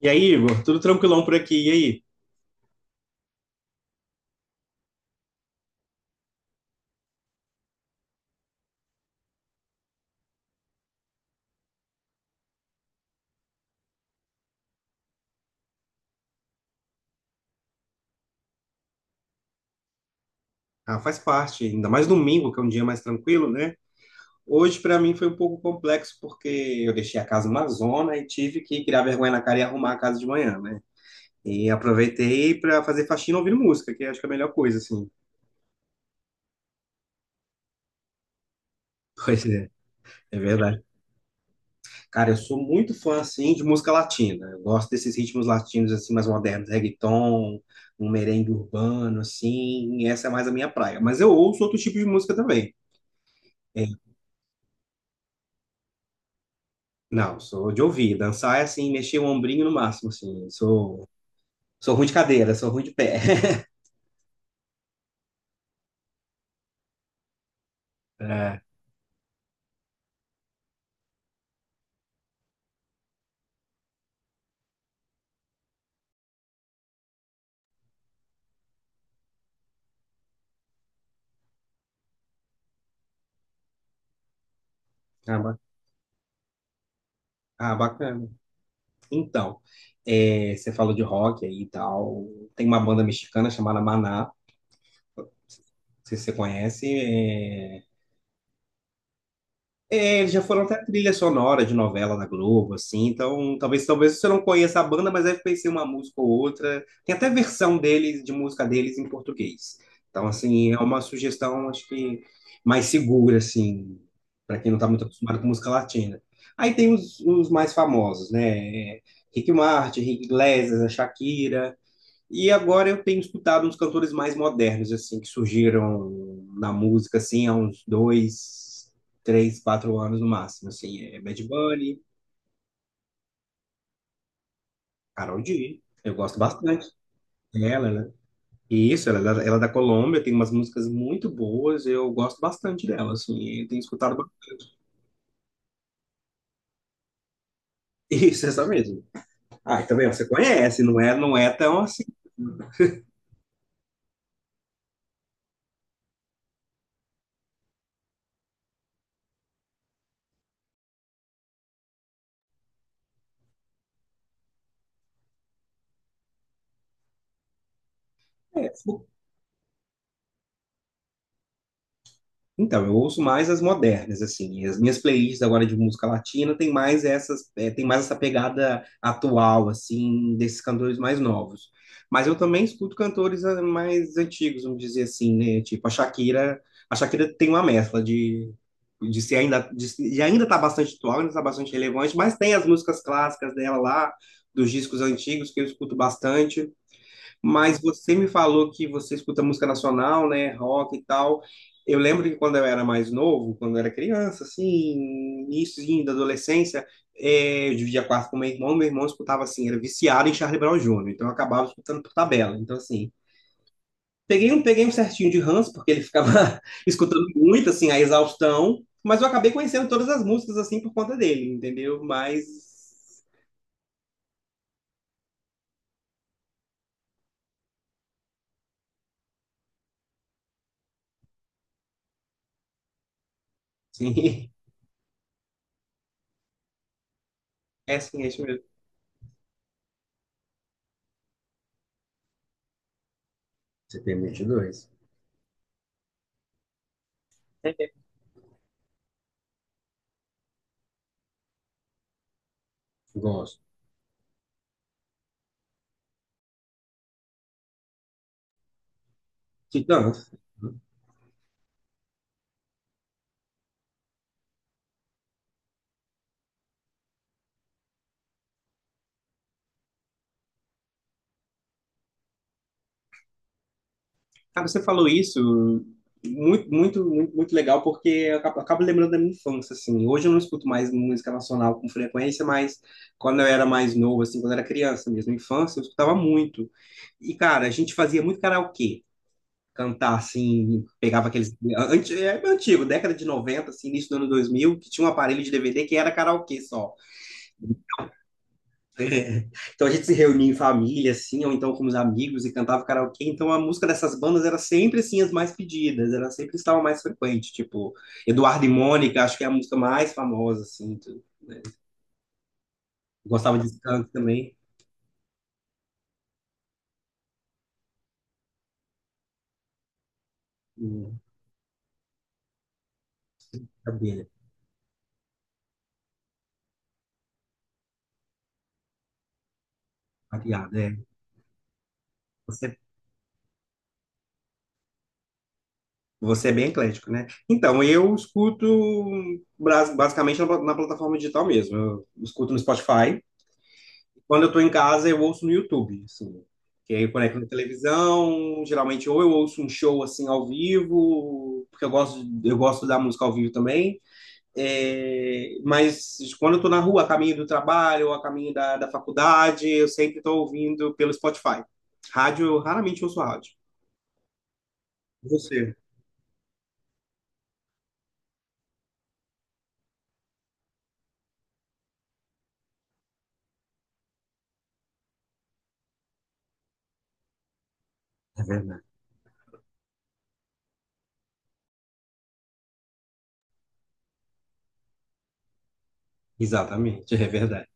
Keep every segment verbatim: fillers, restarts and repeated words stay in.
E aí, Igor, tudo tranquilão por aqui? E aí? Ah, faz parte, ainda mais domingo, que é um dia mais tranquilo, né? Hoje, para mim, foi um pouco complexo, porque eu deixei a casa uma zona e tive que criar vergonha na cara e arrumar a casa de manhã, né? E aproveitei para fazer faxina ouvindo música, que acho que é a melhor coisa, assim. Pois é, é verdade. Cara, eu sou muito fã, assim, de música latina. Eu gosto desses ritmos latinos, assim, mais modernos, reggaeton, um merengue urbano, assim. Essa é mais a minha praia. Mas eu ouço outro tipo de música também. É, não, sou de ouvir. Dançar é assim, mexer o ombrinho no máximo, assim. Sou, sou ruim de cadeira, sou ruim de pé. É. Ah, ba- ah, bacana. Então, é, você falou de rock aí e tal. Tem uma banda mexicana chamada Maná. Não sei se você conhece. É. É, eles já foram até trilha sonora de novela da Globo, assim, então talvez talvez você não conheça a banda, mas deve conhecer uma música ou outra. Tem até versão deles, de música deles em português. Então, assim, é uma sugestão, acho que mais segura, assim, para quem não está muito acostumado com música latina. Aí tem os, os mais famosos, né? É, Rick Martin, Rick Iglesias, a Shakira. E agora eu tenho escutado uns cantores mais modernos, assim, que surgiram na música, assim, há uns dois, três, quatro anos no máximo, assim, é Bad Bunny, Karol G, eu gosto bastante dela, né? Isso, ela, é da- ela é da Colômbia, tem umas músicas muito boas, eu gosto bastante dela, assim, eu tenho escutado. ba- Isso, essa mesmo. Ah, tá vendo? Você conhece, não é, não é tão assim. É. Então, eu ouço mais as modernas, assim. E as minhas playlists agora de música latina tem mais essas, eh, tem mais essa pegada atual, assim, desses cantores mais novos. Mas eu também escuto cantores ah, mais antigos, vamos dizer assim, né? Tipo, a Shakira, a Shakira tem uma mescla de, de ser ainda, de, se- de ainda tá bastante atual, ainda tá bastante relevante, mas tem as músicas clássicas dela lá, dos discos antigos que eu escuto bastante. Mas você me falou que você escuta música nacional, né, rock e tal. Eu lembro que quando eu era mais novo, quando eu era criança, assim, início da adolescência, eh, eu dividia quarto com meu irmão, meu irmão escutava assim, era viciado em Charlie Brown Júnior, então eu acabava escutando por tabela. Então, assim, peguei um, peguei um certinho de ranço, porque ele ficava escutando muito, assim, a exaustão, mas eu acabei conhecendo todas as músicas, assim, por conta dele, entendeu? Mas, sim, é assim, é isso mesmo. C P M vinte e dois. Gosto. Titãs. Cara, você falou isso muito, muito, muito, muito legal, porque eu acabo, acabo lembrando da minha infância, assim. Hoje eu não escuto mais música nacional com frequência, mas quando eu era mais novo, assim, quando eu era criança mesmo, infância, eu escutava muito. E, cara, a gente fazia muito karaokê. Cantar, assim, pegava aqueles. anti- É antigo, década de noventa assim, início do ano dois mil que tinha um aparelho de D V D que era karaokê só. É. Então a gente se reunia em família, assim, ou então com os amigos e cantava karaokê. Então a música dessas bandas era sempre, assim, as mais pedidas, era sempre estava mais frequente. Tipo, Eduardo e Mônica, acho que é a música mais famosa, assim. Tu- né? Gostava de canto também. Hum. Sabia. Variado, é. Você, você é bem eclético, né? Então, eu escuto bras- basicamente na, pla- na plataforma digital mesmo. Eu escuto no Spotify. Quando eu estou em casa, eu ouço no YouTube, assim. Que aí eu conecto na televisão, geralmente ou eu ouço um show assim ao vivo, porque eu gosto, eu gosto da música ao vivo também. É, mas quando eu tô na rua, a caminho do trabalho, ou a caminho da, da faculdade, eu sempre estou ouvindo pelo Spotify. Rádio, eu raramente ouço rádio. Você. É verdade. Exatamente, é verdade.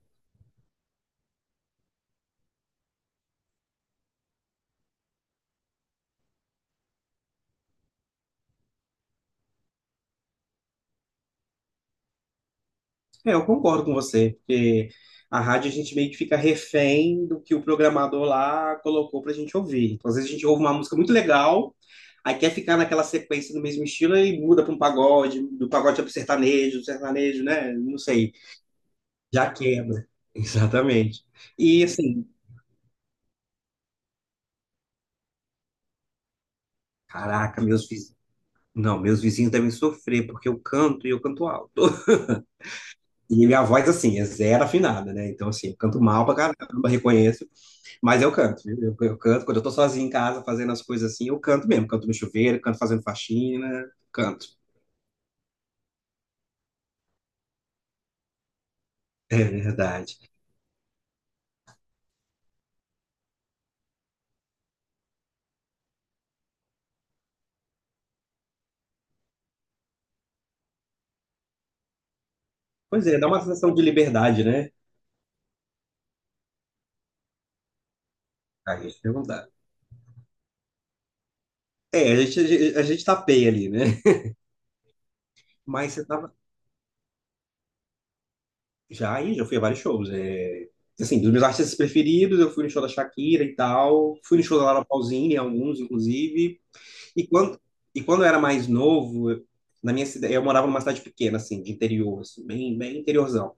É, eu concordo com você, porque a rádio a gente meio que fica refém do que o programador lá colocou pra gente ouvir. Então, às vezes a gente ouve uma música muito legal, aí quer ficar naquela sequência do mesmo estilo e muda para um pagode, do pagode para sertanejo, do sertanejo, né? Não sei, já quebra. Exatamente. E assim, caraca, meus vizinhos. Não, meus vizinhos devem sofrer, porque eu canto e eu canto alto. E minha voz, assim, é zero afinada, né? Então, assim, eu canto mal pra caramba, reconheço. Mas eu canto, viu? Eu, eu canto. Quando eu tô sozinho em casa fazendo as coisas assim, eu canto mesmo. Canto no chuveiro, canto fazendo faxina, canto. É verdade. Pois é, dá uma sensação de liberdade, né? A gente não dá. É, a gente, a gente, a gente tapeia ali, né? Mas você tava. Já aí, já fui a vários shows. É. Assim, dos meus artistas preferidos, eu fui no show da Shakira e tal. Fui no show da Laura Pausini, alguns, inclusive. E quando, e quando eu era mais novo, eu- na minha cidade, eu morava numa cidade pequena, assim, de interior, assim, bem, bem interiorzão.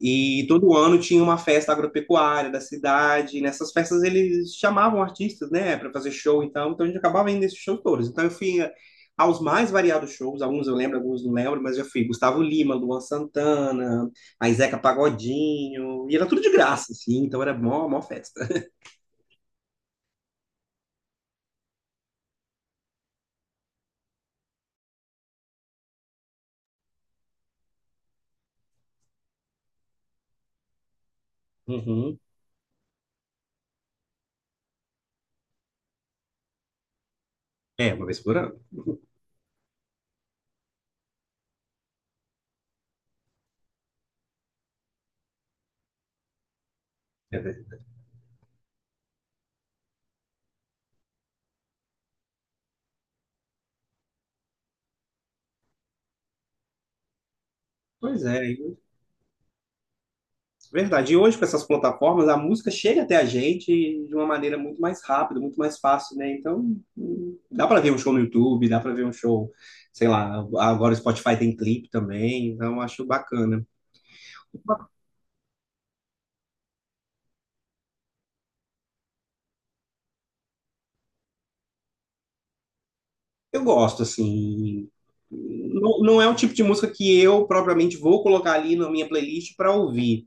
E todo ano tinha uma festa agropecuária da cidade. E nessas festas eles chamavam artistas, né, para fazer show, então, então a gente acabava indo nesses shows todos. Então eu fui a- aos mais variados shows, alguns eu lembro, alguns não lembro, mas eu fui Gustavo Lima, Luan Santana, a Zeca Pagodinho, e era tudo de graça, assim, então era mó, mó festa. Uhum. É, uma vez por ano. É, né? Pois é, verdade. E hoje, com essas plataformas, a música chega até a gente de uma maneira muito mais rápida, muito mais fácil, né? Então, hum, dá para ver um show no YouTube, dá para ver um show, sei lá, agora o Spotify tem clipe também, então acho bacana. Eu gosto, assim. Não, não é o tipo de música que eu propriamente vou colocar ali na minha playlist para ouvir.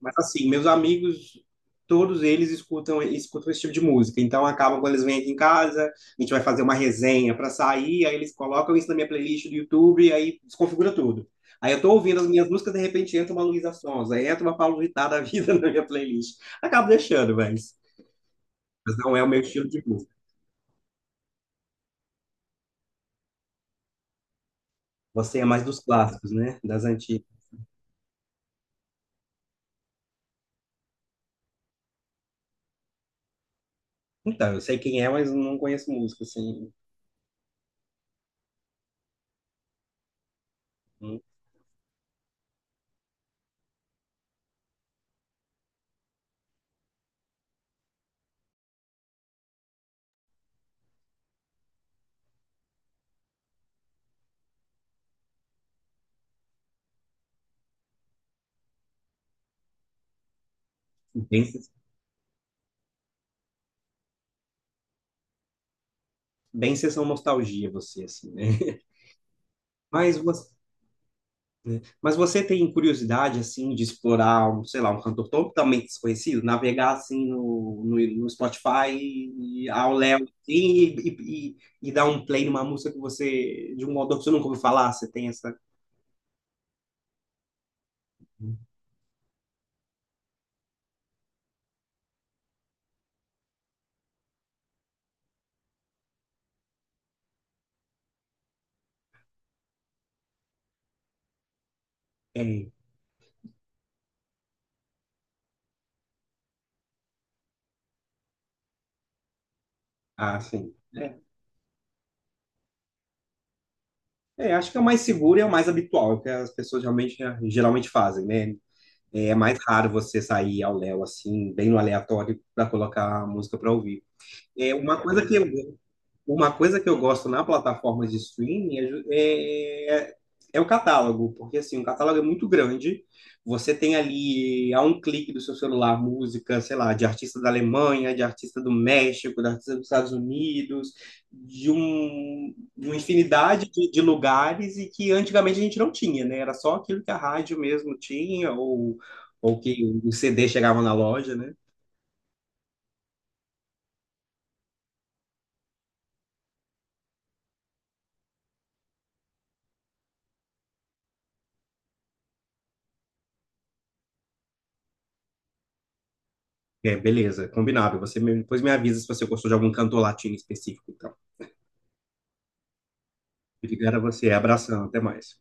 Mas assim, meus amigos, todos eles escutam, escutam esse tipo de música. Então acabam quando eles vêm aqui em casa, a gente vai fazer uma resenha para sair, aí eles colocam isso na minha playlist do YouTube, aí desconfigura tudo. Aí eu tô ouvindo as minhas músicas, de repente entra uma Luísa Sonza, aí entra uma Paulo Vittar da vida na minha playlist. Acabo deixando, mas, mas não é o meu estilo de música. Você é mais dos clássicos, né? Das antigas. Então, eu sei quem é, mas não conheço música, assim. Bem, bem sessão nostalgia você, assim, né? Mas você Mas você tem curiosidade, assim, de explorar, um, sei lá, um cantor totalmente desconhecido? Navegar, assim, no, no, no Spotify, e, ao léu, assim, e, e, e, e dar um play numa música que você, de um modo que você nunca ouviu falar? Você tem essa. É, ah, sim. É, é, acho que é o mais seguro e é o mais habitual, é o que as pessoas realmente, geralmente fazem, né? É é mais raro você sair ao léu, assim, bem no aleatório, para colocar a música para ouvir. É uma coisa que eu Uma coisa que eu gosto na plataforma de streaming é, ju- é, é é o catálogo, porque assim, o catálogo é muito grande. Você tem ali, a um clique do seu celular, música, sei lá, de artista da Alemanha, de artista do México, de artista dos Estados Unidos, de, um, de uma infinidade de, de lugares e que antigamente a gente não tinha, né? Era só aquilo que a rádio mesmo tinha, ou, ou que o C D chegava na loja, né? É, beleza, combinado. Você me- depois me avisa se você gostou de algum cantor latino específico. Então. Obrigado a você. Abração. Até mais.